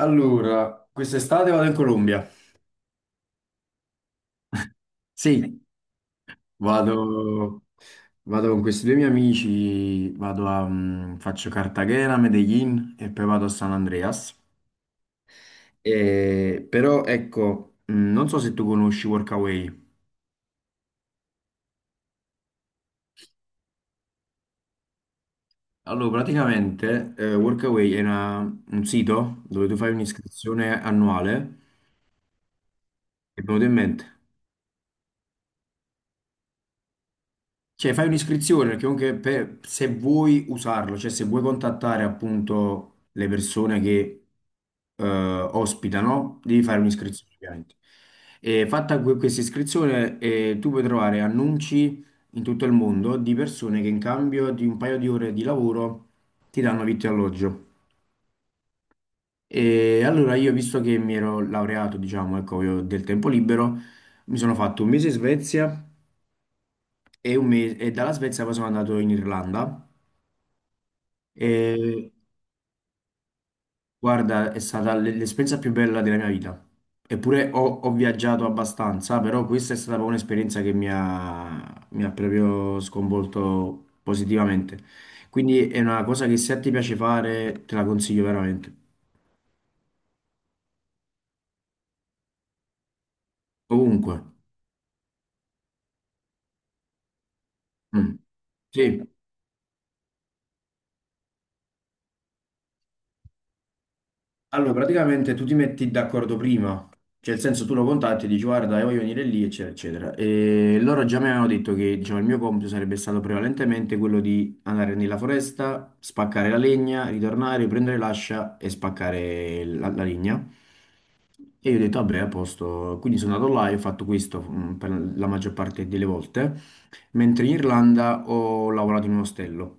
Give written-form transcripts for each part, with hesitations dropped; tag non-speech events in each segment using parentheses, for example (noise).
Allora, quest'estate vado in Colombia. Sì, Vado, vado con questi due miei amici, vado a, faccio Cartagena, Medellin e poi vado a San Andreas. Però ecco, non so se tu conosci Workaway. Allora, praticamente Workaway è un sito dove tu fai un'iscrizione annuale, che è venuto in mente? Cioè, fai un'iscrizione perché comunque se vuoi usarlo, cioè se vuoi contattare appunto le persone che ospitano, devi fare un'iscrizione ovviamente. E fatta questa iscrizione, tu puoi trovare annunci in tutto il mondo di persone che in cambio di un paio di ore di lavoro ti danno vitto e alloggio. E allora io, visto che mi ero laureato, diciamo, ecco, io ho del tempo libero, mi sono fatto un mese in Svezia e, un mese, e dalla Svezia poi sono andato in Irlanda. E, guarda, è stata l'esperienza più bella della mia vita. Eppure ho viaggiato abbastanza, però questa è stata proprio un'esperienza che mi ha proprio sconvolto positivamente. Quindi è una cosa che se ti piace fare, te la consiglio veramente. Ovunque. Mm. Sì. Allora, praticamente tu ti metti d'accordo prima, cioè nel senso tu lo contatti e dici guarda, io voglio venire lì, eccetera, eccetera. E loro già mi avevano detto che diciamo, il mio compito sarebbe stato prevalentemente quello di andare nella foresta, spaccare la legna, ritornare, prendere l'ascia e spaccare la legna. E io ho detto, vabbè, a posto. Quindi sono andato là e ho fatto questo per la maggior parte delle volte, mentre in Irlanda ho lavorato in un ostello.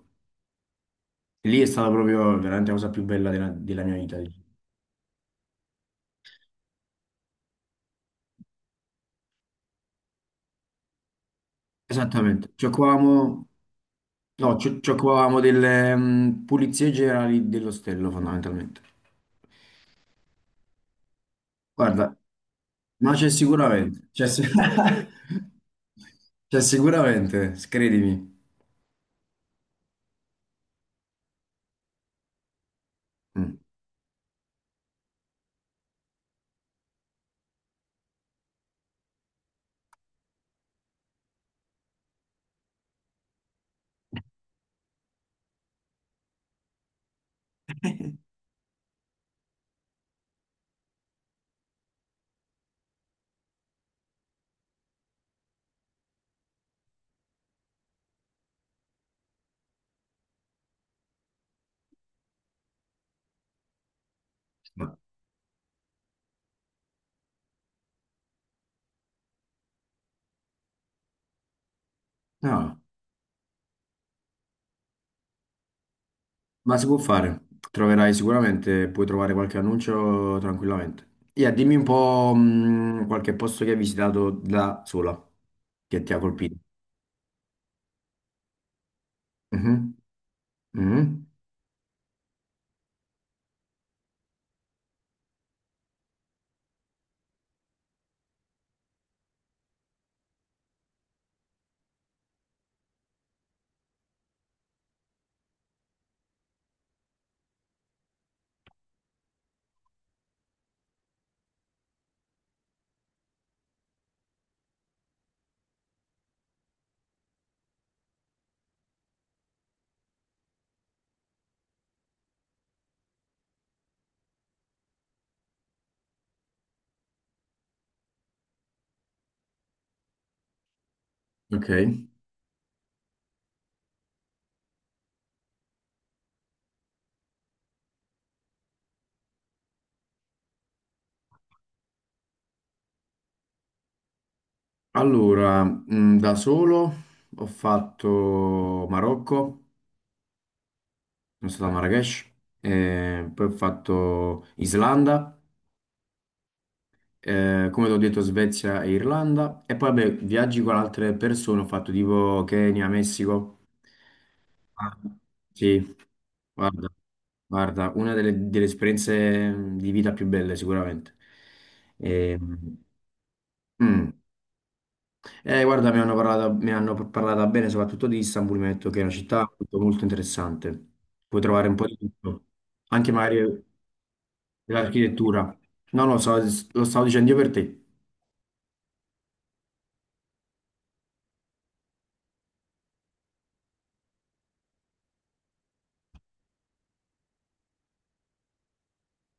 E lì è stata proprio veramente la cosa più bella della mia vita. Esattamente, giocavamo, no, giocavamo delle pulizie generali dell'ostello fondamentalmente. Guarda, ma c'è sicuramente, (laughs) c'è sicuramente, credimi. Mm. Ma- No, ma si può fare, troverai sicuramente, puoi trovare qualche annuncio tranquillamente. Yeah, dimmi un po' qualche posto che hai visitato da sola, che ti ha colpito. Mhm, mhm, ok. Allora, da solo ho fatto Marocco, sono stato a Marrakech, poi ho fatto Islanda, come ti ho detto Svezia e Irlanda, e poi vabbè, viaggi con altre persone, ho fatto tipo Kenya, Messico. Ah, sì, guarda, guarda, una delle esperienze di vita più belle sicuramente. E, mm, eh, guarda, mi hanno parlato bene soprattutto di Istanbul, mi hanno detto che è una città molto, molto interessante. Puoi trovare un po' di tutto, anche magari dell'architettura. No. Lo stavo dicendo io per te.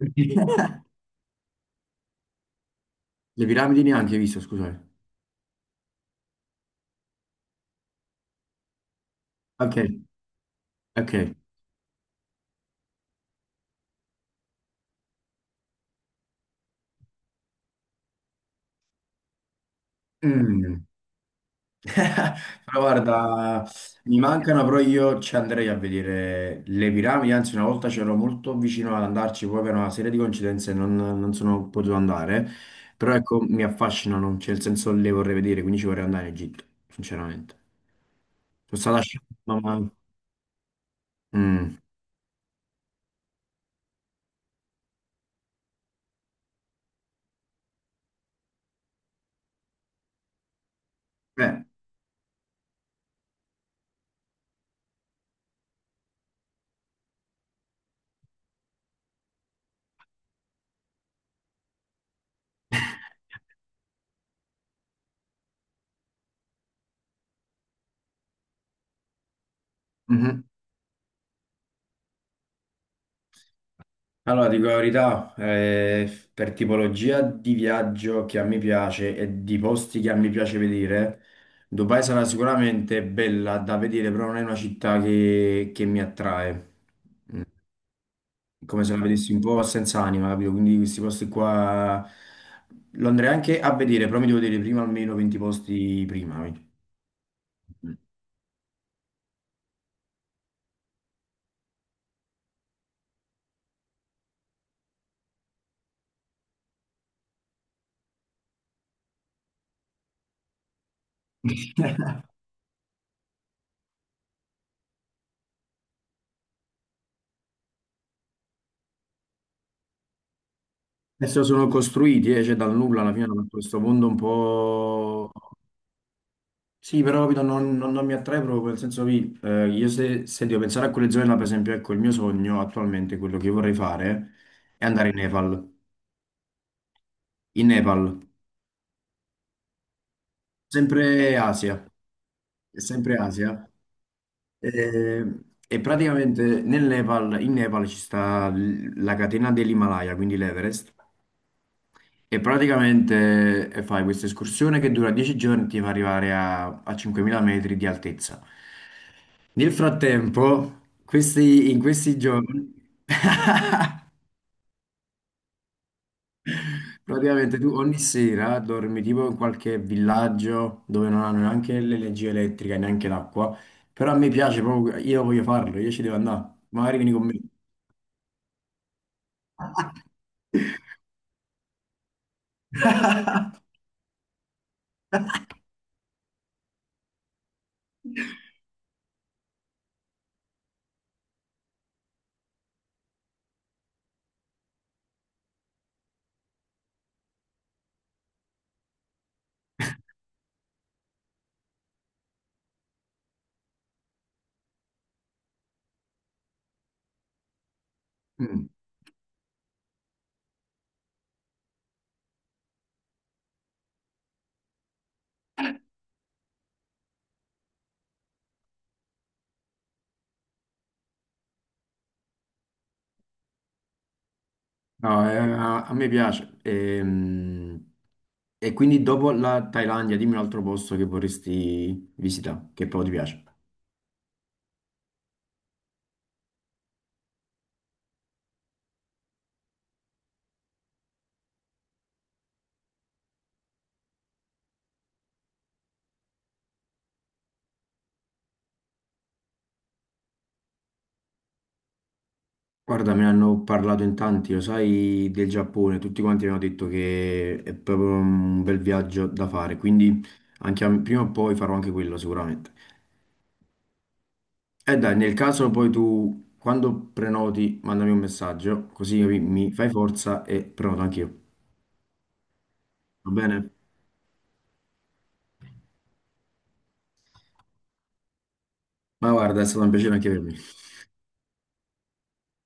(laughs) Le piramidi neanche hai visto, scusate. Ok, ok. Mm. (laughs) Però guarda, mi mancano, però io ci andrei a vedere le piramidi, anzi una volta c'ero molto vicino ad andarci, poi per una serie di coincidenze non sono potuto andare, però ecco, mi affascinano, cioè nel senso le vorrei vedere, quindi ci vorrei andare in Egitto, sinceramente. Sono stato a Sharm, ma... mm, beh, mhm. Allora, dico la verità, per tipologia di viaggio che a me piace e di posti che a me piace vedere, Dubai sarà sicuramente bella da vedere, però non è una città che mi attrae, come se la vedessi un po' senza anima, capito? Quindi questi posti qua lo andrei anche a vedere, però mi devo vedere prima almeno 20 posti prima. Quindi. (laughs) Adesso sono costruiti, cioè dal nulla alla fine hanno fatto questo mondo un po'. Sì, però capito, non mi attrae proprio, nel senso che io se devo pensare a quelle zone là, per esempio, ecco, il mio sogno attualmente, quello che vorrei fare, è andare in Nepal. In Nepal, sempre Asia, è sempre Asia. Eh, E, praticamente nel Nepal, in Nepal ci sta la catena dell'Himalaya, quindi l'Everest. E praticamente fai questa escursione che dura 10 giorni e ti fa arrivare a, a 5.000 metri di altezza. Nel frattempo, in questi giorni, (laughs) praticamente tu ogni sera dormi tipo in qualche villaggio dove non hanno neanche l'energia elettrica e neanche l'acqua, però a me piace proprio, io voglio farlo, io ci devo andare, magari vieni con me. (laughs) Mm. No, a me piace. E, quindi dopo la Thailandia, dimmi un altro posto che vorresti visitare, che poi ti piace. Guarda, me ne hanno parlato in tanti, lo sai, del Giappone, tutti quanti mi hanno detto che è proprio un bel viaggio da fare, quindi prima o poi farò anche quello sicuramente. E dai, nel caso poi tu, quando prenoti, mandami un messaggio, così mi fai forza e prenoto anch'io. Va bene? Ma guarda, è stato un piacere anche per me.